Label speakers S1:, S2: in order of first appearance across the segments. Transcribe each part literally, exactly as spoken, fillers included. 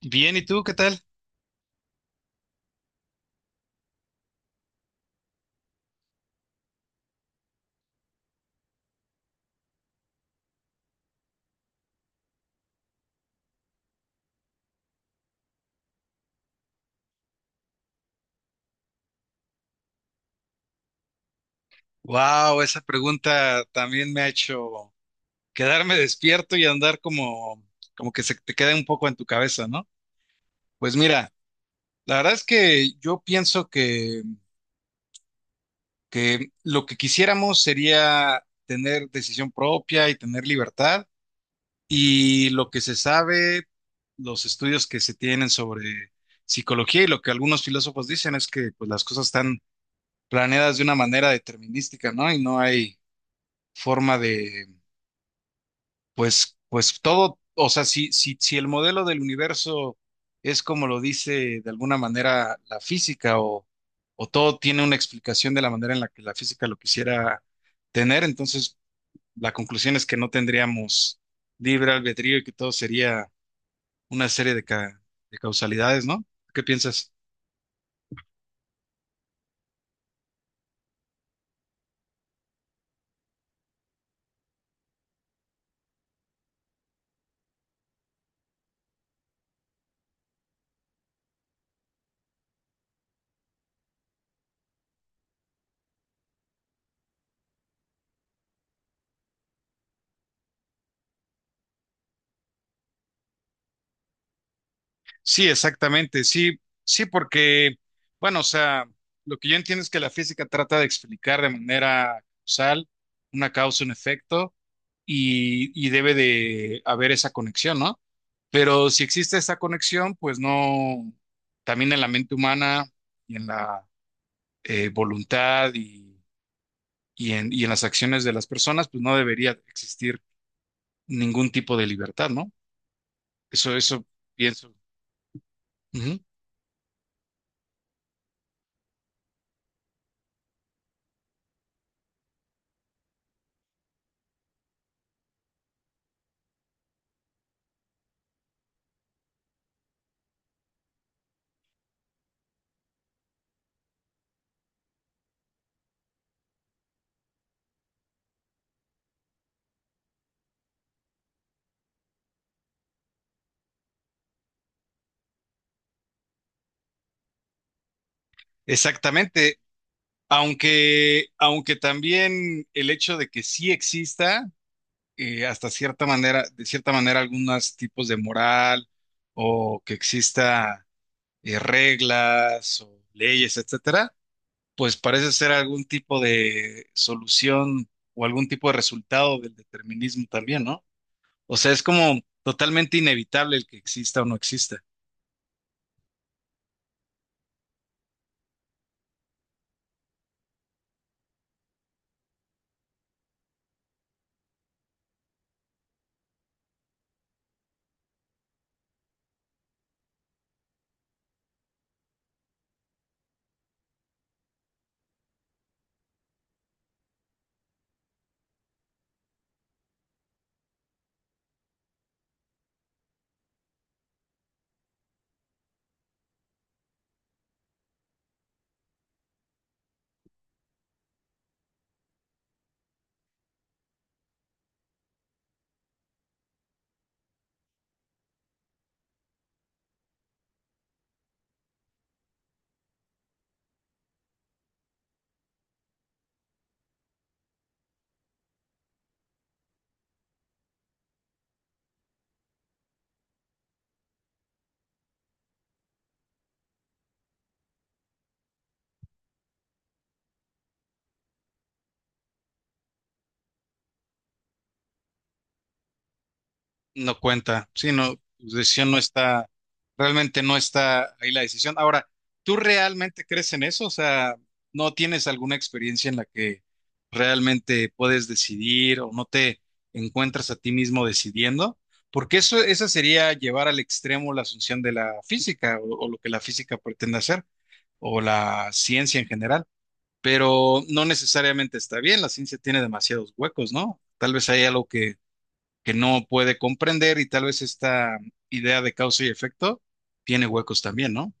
S1: Bien, ¿y tú qué tal? Wow, esa pregunta también me ha hecho quedarme despierto y andar como, como que se te queda un poco en tu cabeza, ¿no? Pues mira, la verdad es que yo pienso que, que lo que quisiéramos sería tener decisión propia y tener libertad. Y lo que se sabe, los estudios que se tienen sobre psicología y lo que algunos filósofos dicen es que pues, las cosas están planeadas de una manera determinística, ¿no? Y no hay forma de... Pues, pues todo, o sea, si, si, si el modelo del universo es como lo dice de alguna manera la física o, o todo tiene una explicación de la manera en la que la física lo quisiera tener, entonces la conclusión es que no tendríamos libre albedrío y que todo sería una serie de, ca- de causalidades, ¿no? ¿Qué piensas? Sí, exactamente, sí, sí, porque, bueno, o sea, lo que yo entiendo es que la física trata de explicar de manera causal una causa, un efecto y, y debe de haber esa conexión, ¿no? Pero si existe esa conexión, pues no, también en la mente humana y en la eh, voluntad y, y en, y en las acciones de las personas, pues no debería existir ningún tipo de libertad, ¿no? Eso, eso pienso. Ujú. Exactamente. Aunque, aunque también el hecho de que sí exista, eh, hasta cierta manera, de cierta manera, algunos tipos de moral o que exista eh, reglas o leyes, etcétera, pues parece ser algún tipo de solución o algún tipo de resultado del determinismo también, ¿no? O sea, es como totalmente inevitable el que exista o no exista. No cuenta. Sí, no, tu decisión no está, realmente no está ahí la decisión. Ahora, ¿tú realmente crees en eso? O sea, ¿no tienes alguna experiencia en la que realmente puedes decidir o no te encuentras a ti mismo decidiendo? Porque eso, esa sería llevar al extremo la asunción de la física o, o lo que la física pretende hacer o la ciencia en general. Pero no necesariamente está bien, la ciencia tiene demasiados huecos, ¿no? Tal vez hay algo que que no puede comprender y tal vez esta idea de causa y efecto tiene huecos también, ¿no?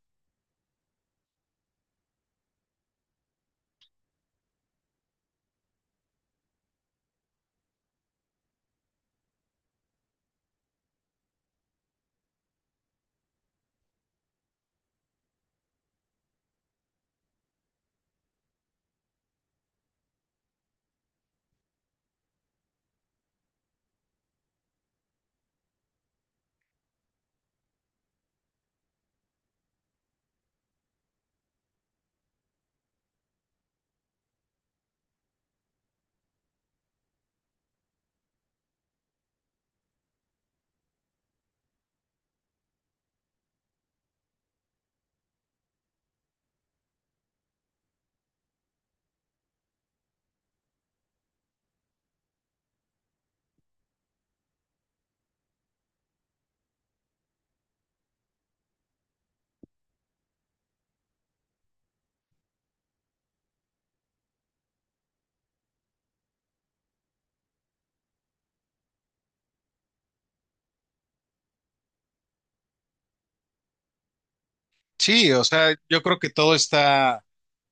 S1: Sí, o sea, yo creo que todo está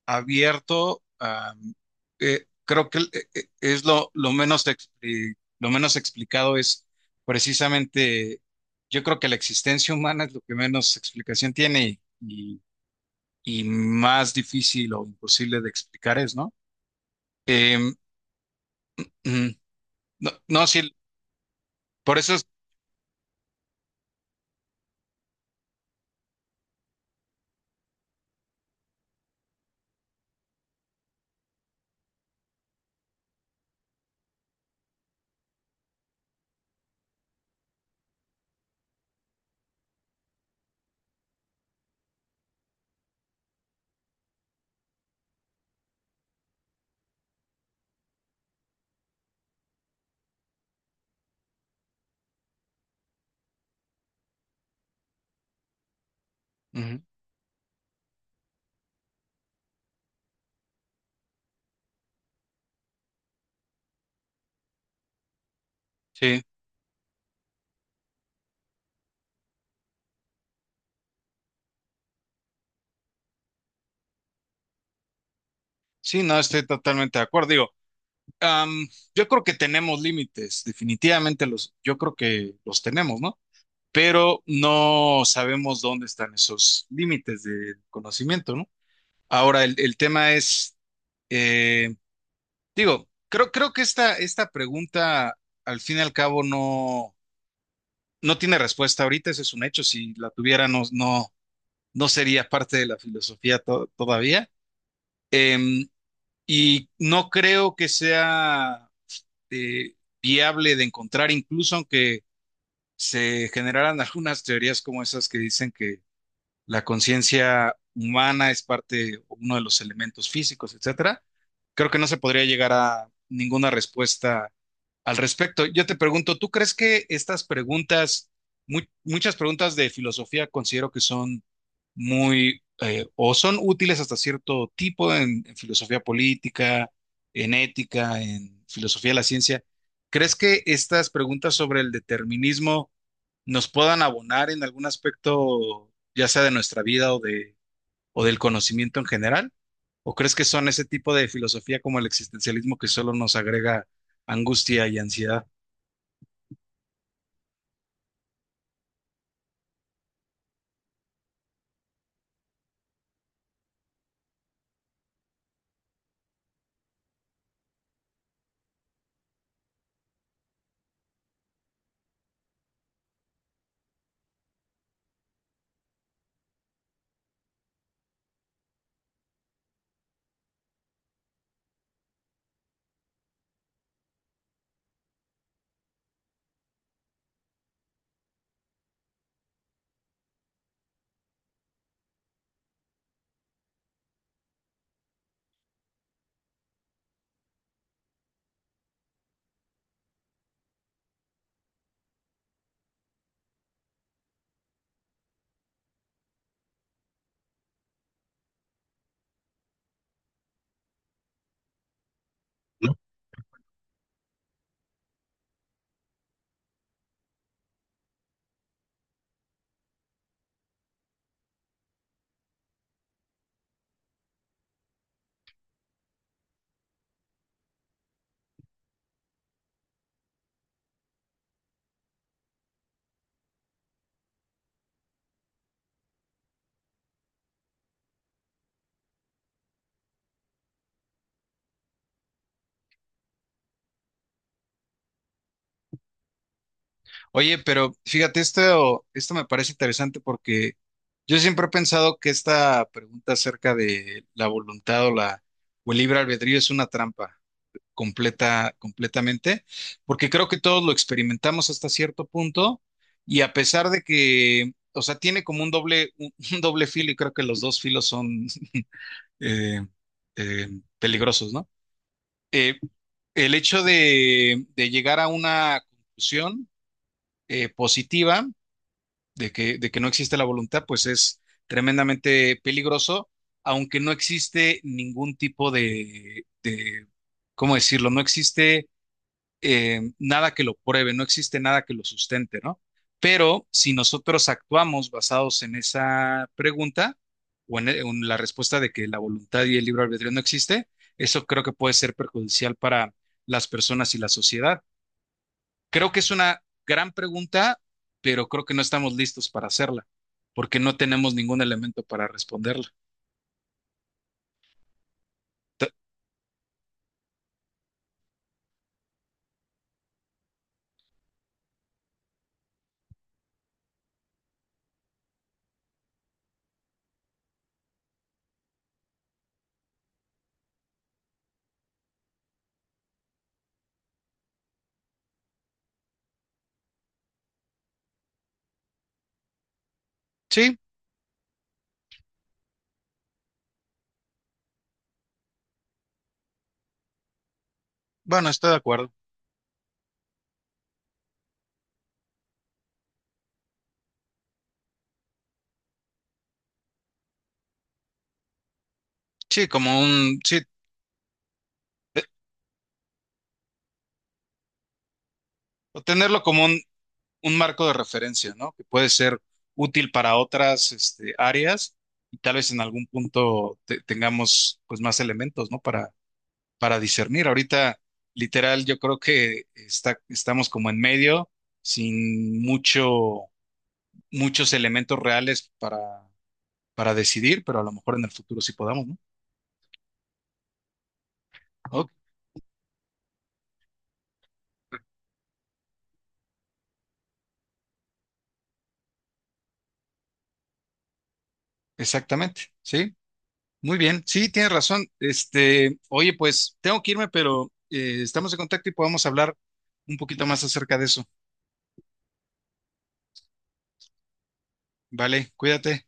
S1: abierto. A- eh, creo que eh, eh, es lo, lo menos, expli- lo menos explicado es precisamente, yo creo que la existencia humana es lo que menos explicación tiene y, y y más difícil o imposible de explicar es, ¿no? Em, ujú. No, no, sí, por eso es... ujú, sí. Sí, no, estoy totalmente de acuerdo. Digo, am, yo creo que tenemos límites, definitivamente los, yo creo que los tenemos, ¿no? Pero no sabemos dónde están esos límites del conocimiento, ¿no? Ahora, el, el tema es, eh, digo, creo, creo que esta, esta pregunta, al fin y al cabo, no, no tiene respuesta ahorita, ese es un hecho. Si la tuviera, no, no, no sería parte de la filosofía to- todavía. Em, y no creo que sea eh, viable de encontrar, incluso aunque se generaran algunas teorías como esas que dicen que la conciencia humana es parte, uno de los elementos físicos, etcétera. Creo que no se podría llegar a ninguna respuesta al respecto. Yo te pregunto, ¿tú crees que estas preguntas, mu- muchas preguntas de filosofía considero que son muy eh, o son útiles hasta cierto tipo en, en filosofía política, en ética, en filosofía de la ciencia? ¿Crees que estas preguntas sobre el determinismo nos puedan abonar en algún aspecto, ya sea de nuestra vida o de, o del conocimiento en general? ¿O crees que son ese tipo de filosofía como el existencialismo que solo nos agrega angustia y ansiedad? Oye, pero fíjate, esto, esto me parece interesante porque yo siempre he pensado que esta pregunta acerca de la voluntad o la o el libre albedrío es una trampa. Completa, completamente, porque creo que todos lo experimentamos hasta cierto punto y a pesar de que, o sea, tiene como un doble, un, un doble filo y creo que los dos filos son eh, eh, peligrosos, ¿no? Eh, el hecho de, de llegar a una conclusión eh, positiva de que, de que no existe la voluntad, pues es tremendamente peligroso, aunque no existe ningún tipo de, de ¿cómo decirlo? No existe eh, nada que lo pruebe, no existe nada que lo sustente, ¿no? Pero si nosotros actuamos basados en esa pregunta o en, en la respuesta de que la voluntad y el libre albedrío no existe, eso creo que puede ser perjudicial para las personas y la sociedad. Creo que es una gran pregunta, pero creo que no estamos listos para hacerla, porque no tenemos ningún elemento para responderla. T- Sí, bueno, estoy de acuerdo. Sí, como un, sí, eh, tenerlo como un, un marco de referencia, ¿no? Que puede ser útil para otras, este, áreas y tal vez en algún punto te- tengamos, pues, más elementos, ¿no? Para, para discernir. Ahorita, literal, yo creo que está, estamos como en medio, sin mucho, muchos elementos reales para, para decidir, pero a lo mejor en el futuro sí podamos, ¿no? Ok, exactamente, sí. Muy bien, sí, tienes razón. Este, oye, pues tengo que irme, pero eh, estamos en contacto y podemos hablar un poquito más acerca de eso. Vale, cuídate.